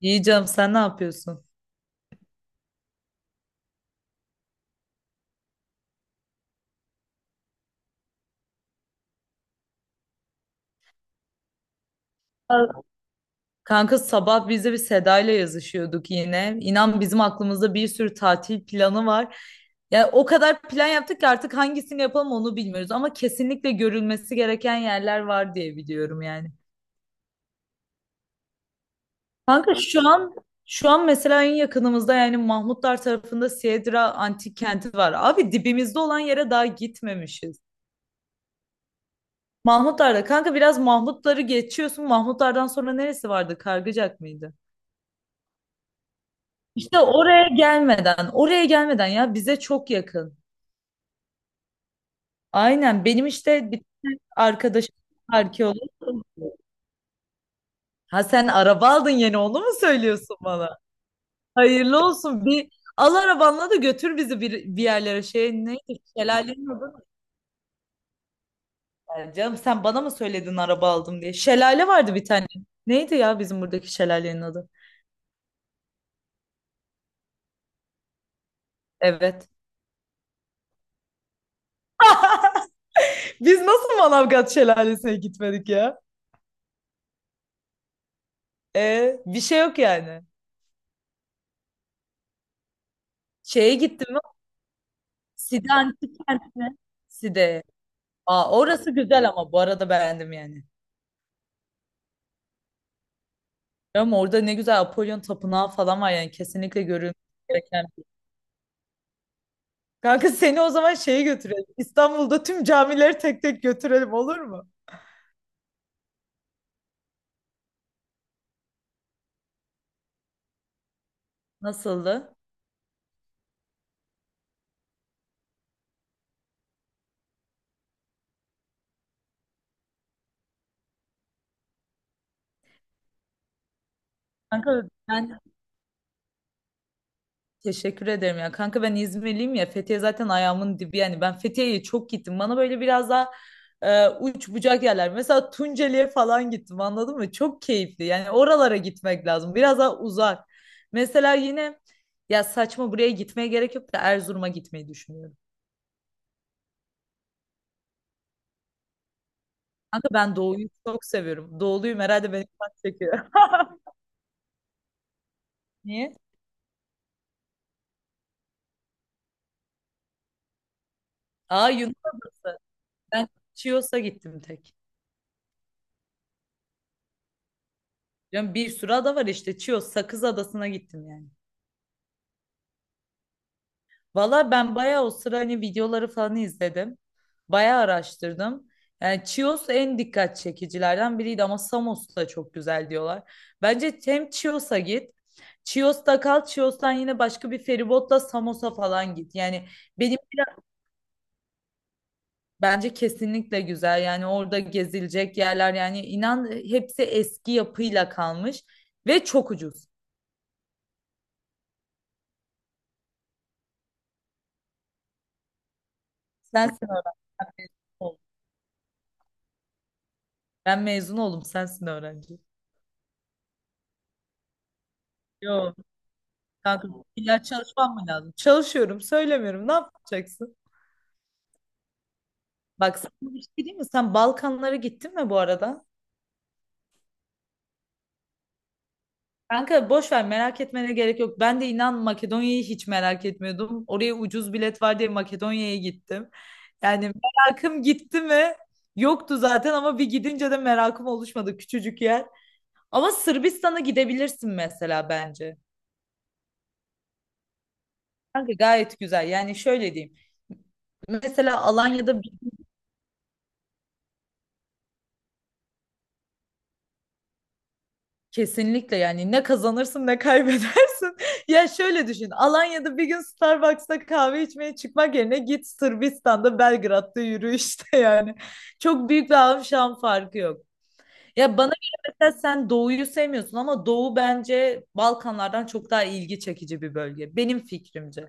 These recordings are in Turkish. İyi canım sen ne yapıyorsun? Al- Kanka sabah biz de bir Seda ile yazışıyorduk yine. İnan bizim aklımızda bir sürü tatil planı var. Yani o kadar plan yaptık ki artık hangisini yapalım onu bilmiyoruz. Ama kesinlikle görülmesi gereken yerler var diye biliyorum yani. Kanka şu an mesela en yakınımızda yani Mahmutlar tarafında Siedra antik kenti var. Abi dibimizde olan yere daha gitmemişiz. Mahmutlar'da kanka biraz Mahmutları geçiyorsun. Mahmutlar'dan sonra neresi vardı? Kargıcak mıydı? İşte oraya gelmeden, oraya gelmeden ya bize çok yakın. Aynen benim işte bir tane arkadaşım arkeolog. Ha sen araba aldın yeni onu mu söylüyorsun bana? Hayırlı olsun, bir al arabanla da götür bizi bir yerlere, şey neydi şelalenin adı mı? Yani canım sen bana mı söyledin araba aldım diye. Şelale vardı bir tane. Neydi ya bizim buradaki şelalenin adı? Evet. Biz nasıl Manavgat şelalesine gitmedik ya? E, bir şey yok yani. Şeye gittim, Side antik kent mi? Side. Aa, orası güzel ama bu arada beğendim yani. Ama orada ne güzel Apollon tapınağı falan var, yani kesinlikle görülmesi gereken. Kanka seni o zaman şeye götürelim. İstanbul'da tüm camileri tek tek götürelim, olur mu? Nasıldı? Kanka ben Teşekkür ederim ya. Kanka ben İzmirliyim ya. Fethiye zaten ayağımın dibi yani. Ben Fethiye'ye çok gittim. Bana böyle biraz daha uç bucak yerler. Mesela Tunceli'ye falan gittim, anladın mı? Çok keyifli. Yani oralara gitmek lazım. Biraz daha uzak. Mesela yine, ya saçma, buraya gitmeye gerek yok da Erzurum'a gitmeyi düşünüyorum. Kanka ben doğuyu çok seviyorum. Doğuluyum herhalde, beni çok çekiyor. Niye? Aa, Yunan Adası. Ben Chios'a gittim tek. Yani bir sürü ada var işte. Chios, Sakız Adası'na gittim yani. Valla ben bayağı o sıra hani videoları falan izledim. Bayağı araştırdım. Yani Chios en dikkat çekicilerden biriydi ama Samos da çok güzel diyorlar. Bence hem Chios'a git. Chios'ta kal. Chios'tan yine başka bir feribotla Samos'a falan git. Yani benim bence kesinlikle güzel. Yani orada gezilecek yerler, yani inan hepsi eski yapıyla kalmış ve çok ucuz. Sensin öğrenci. Ben mezun oldum. Sen mezun oldum. Sensin öğrenci. Yo. Kanka illa çalışmam mı lazım? Çalışıyorum, söylemiyorum. Ne yapacaksın? Bak sana bir şey diyeyim mi? Sen Balkanlara gittin mi bu arada? Kanka boş ver, merak etmene gerek yok. Ben de inan Makedonya'yı hiç merak etmiyordum. Oraya ucuz bilet var diye Makedonya'ya gittim. Yani merakım gitti mi? Yoktu zaten ama bir gidince de merakım oluşmadı, küçücük yer. Ama Sırbistan'a gidebilirsin mesela bence. Kanka gayet güzel. Yani şöyle diyeyim. Mesela Alanya'da kesinlikle, yani ne kazanırsın ne kaybedersin. Ya şöyle düşün. Alanya'da bir gün Starbucks'ta kahve içmeye çıkmak yerine git Sırbistan'da Belgrad'da yürü işte yani. Çok büyük bir alım farkı yok. Ya bana göre mesela sen Doğu'yu sevmiyorsun ama Doğu bence Balkanlardan çok daha ilgi çekici bir bölge. Benim fikrimce.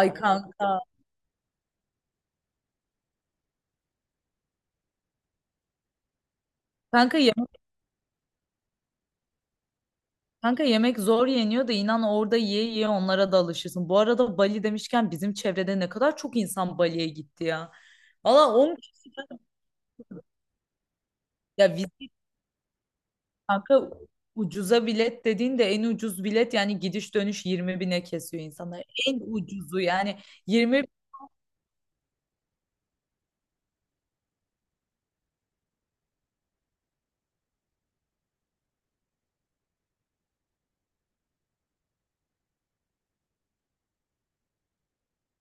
Ay kanka. Kanka Kanka yemek zor yeniyor da inan orada yiye yiye onlara da alışırsın. Bu arada Bali demişken bizim çevrede ne kadar çok insan Bali'ye gitti ya. Valla 10 kişi, ya vize, kanka ucuza bilet dediğin de en ucuz bilet yani gidiş dönüş 20 bine kesiyor insanlar. En ucuzu yani 20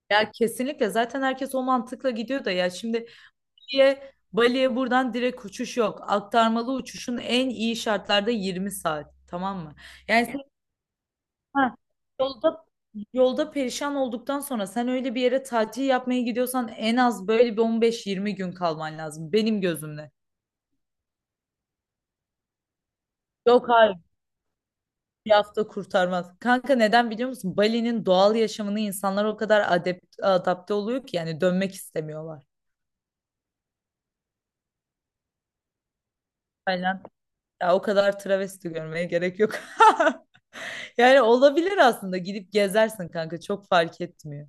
ya kesinlikle zaten herkes o mantıkla gidiyor da ya şimdi diye Bali'ye buradan direkt uçuş yok. Aktarmalı uçuşun en iyi şartlarda 20 saat, tamam mı? Yani sen, ha, yolda Yolda perişan olduktan sonra sen öyle bir yere tatil yapmaya gidiyorsan en az böyle bir 15-20 gün kalman lazım benim gözümde. Yok, hayır, bir hafta kurtarmaz. Kanka neden biliyor musun? Bali'nin doğal yaşamını insanlar o kadar adapte oluyor ki yani dönmek istemiyorlar. Aynen. Ya o kadar travesti görmeye gerek yok. Yani olabilir aslında, gidip gezersin kanka, çok fark etmiyor.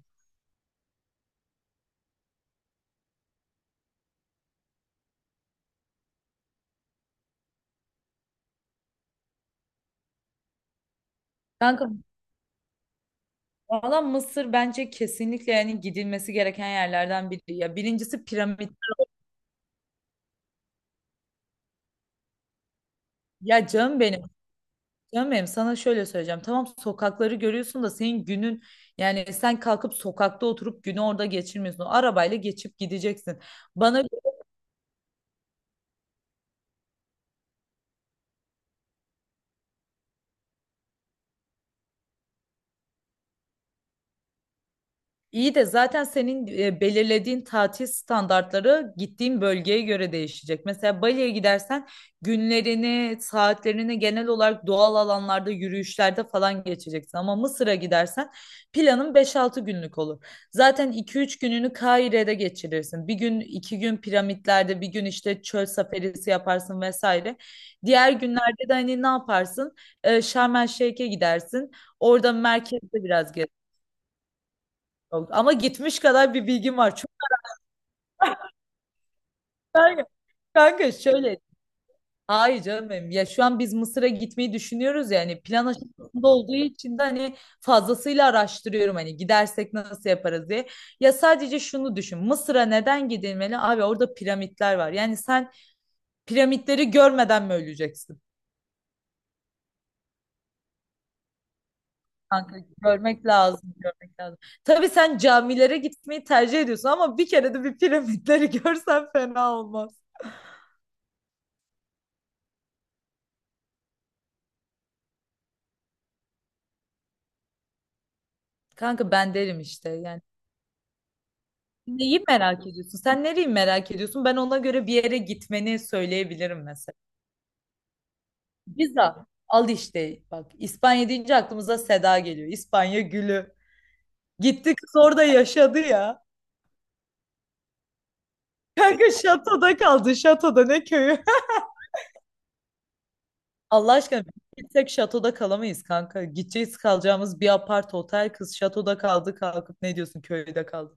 Kanka valla Mısır bence kesinlikle yani gidilmesi gereken yerlerden biri. Ya birincisi piramit. Ya canım benim Canım benim sana şöyle söyleyeceğim. Tamam sokakları görüyorsun da senin günün, yani sen kalkıp sokakta oturup günü orada geçirmiyorsun. Arabayla geçip gideceksin. Bana İyi de, zaten senin belirlediğin tatil standartları gittiğin bölgeye göre değişecek. Mesela Bali'ye gidersen günlerini, saatlerini genel olarak doğal alanlarda, yürüyüşlerde falan geçeceksin. Ama Mısır'a gidersen planın 5-6 günlük olur. Zaten 2-3 gününü Kahire'de geçirirsin. Bir gün, iki gün piramitlerde, bir gün işte çöl safarisi yaparsın vesaire. Diğer günlerde de hani ne yaparsın? Şarm El Şeyh'e gidersin. Orada merkezde biraz. Yok, ama gitmiş kadar bir bilgim var. Çok kanka, kanka şöyle. Hayır canım benim. Ya şu an biz Mısır'a gitmeyi düşünüyoruz ya, hani plan aşamasında olduğu için de hani fazlasıyla araştırıyorum, hani gidersek nasıl yaparız diye. Ya sadece şunu düşün. Mısır'a neden gidilmeli? Abi orada piramitler var. Yani sen piramitleri görmeden mi öleceksin? Kanka görmek lazım, görmek lazım. Tabii sen camilere gitmeyi tercih ediyorsun ama bir kere de bir piramitleri görsen fena olmaz. Kanka ben derim işte yani. Neyi merak ediyorsun? Sen nereyi merak ediyorsun? Ben ona göre bir yere gitmeni söyleyebilirim mesela. Pizza. Al işte bak, İspanya deyince aklımıza Seda geliyor. İspanya gülü. Gitti kız orada yaşadı ya. Kanka şatoda kaldı. Şatoda ne köyü? Allah aşkına bir tek şatoda kalamayız kanka. Gideceğiz kalacağımız bir apart otel, kız şatoda kaldı, kalkıp ne diyorsun köyde kaldı.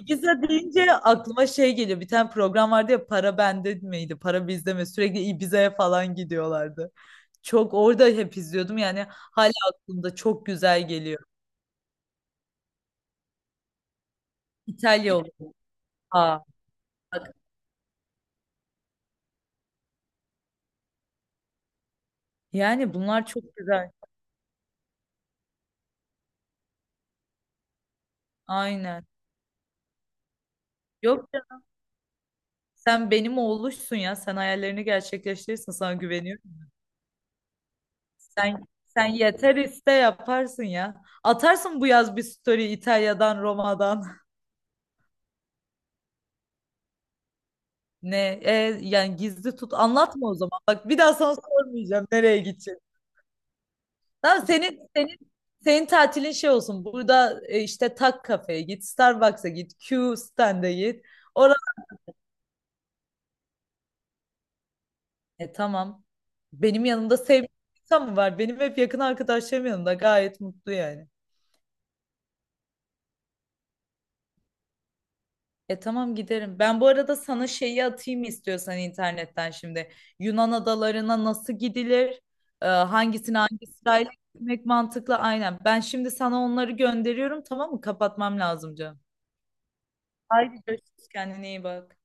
Ibiza deyince aklıma şey geliyor. Bir tane program vardı ya, para bende miydi? Para bizde mi? Sürekli Ibiza'ya falan gidiyorlardı. Çok orada hep izliyordum yani, hala aklımda, çok güzel geliyor. İtalya olur. Aa, bak. Yani bunlar çok güzel. Aynen. Yok ya, sen benim oğluşsun ya. Sen hayallerini gerçekleştirirsin, sana güveniyorum. Sen yeter, iste yaparsın ya. Atarsın bu yaz bir story İtalya'dan, Roma'dan. Ne? E, yani gizli tut. Anlatma o zaman. Bak bir daha sana sormayacağım nereye gideceğim. Tamam, senin tatilin şey olsun. Burada işte Tak kafeye git, Starbucks'a git, Q Stand'a git. Orada, tamam. Benim yanımda sevdiğim insan mı var? Benim hep yakın arkadaşlarım yanımda, gayet mutlu yani. E tamam, giderim. Ben bu arada sana şeyi atayım istiyorsan internetten şimdi. Yunan adalarına nasıl gidilir? E, hangisini hangi sırayla gitmek mantıklı? Aynen. Ben şimdi sana onları gönderiyorum, tamam mı? Kapatmam lazım canım. Haydi görüşürüz. Kendine iyi bak.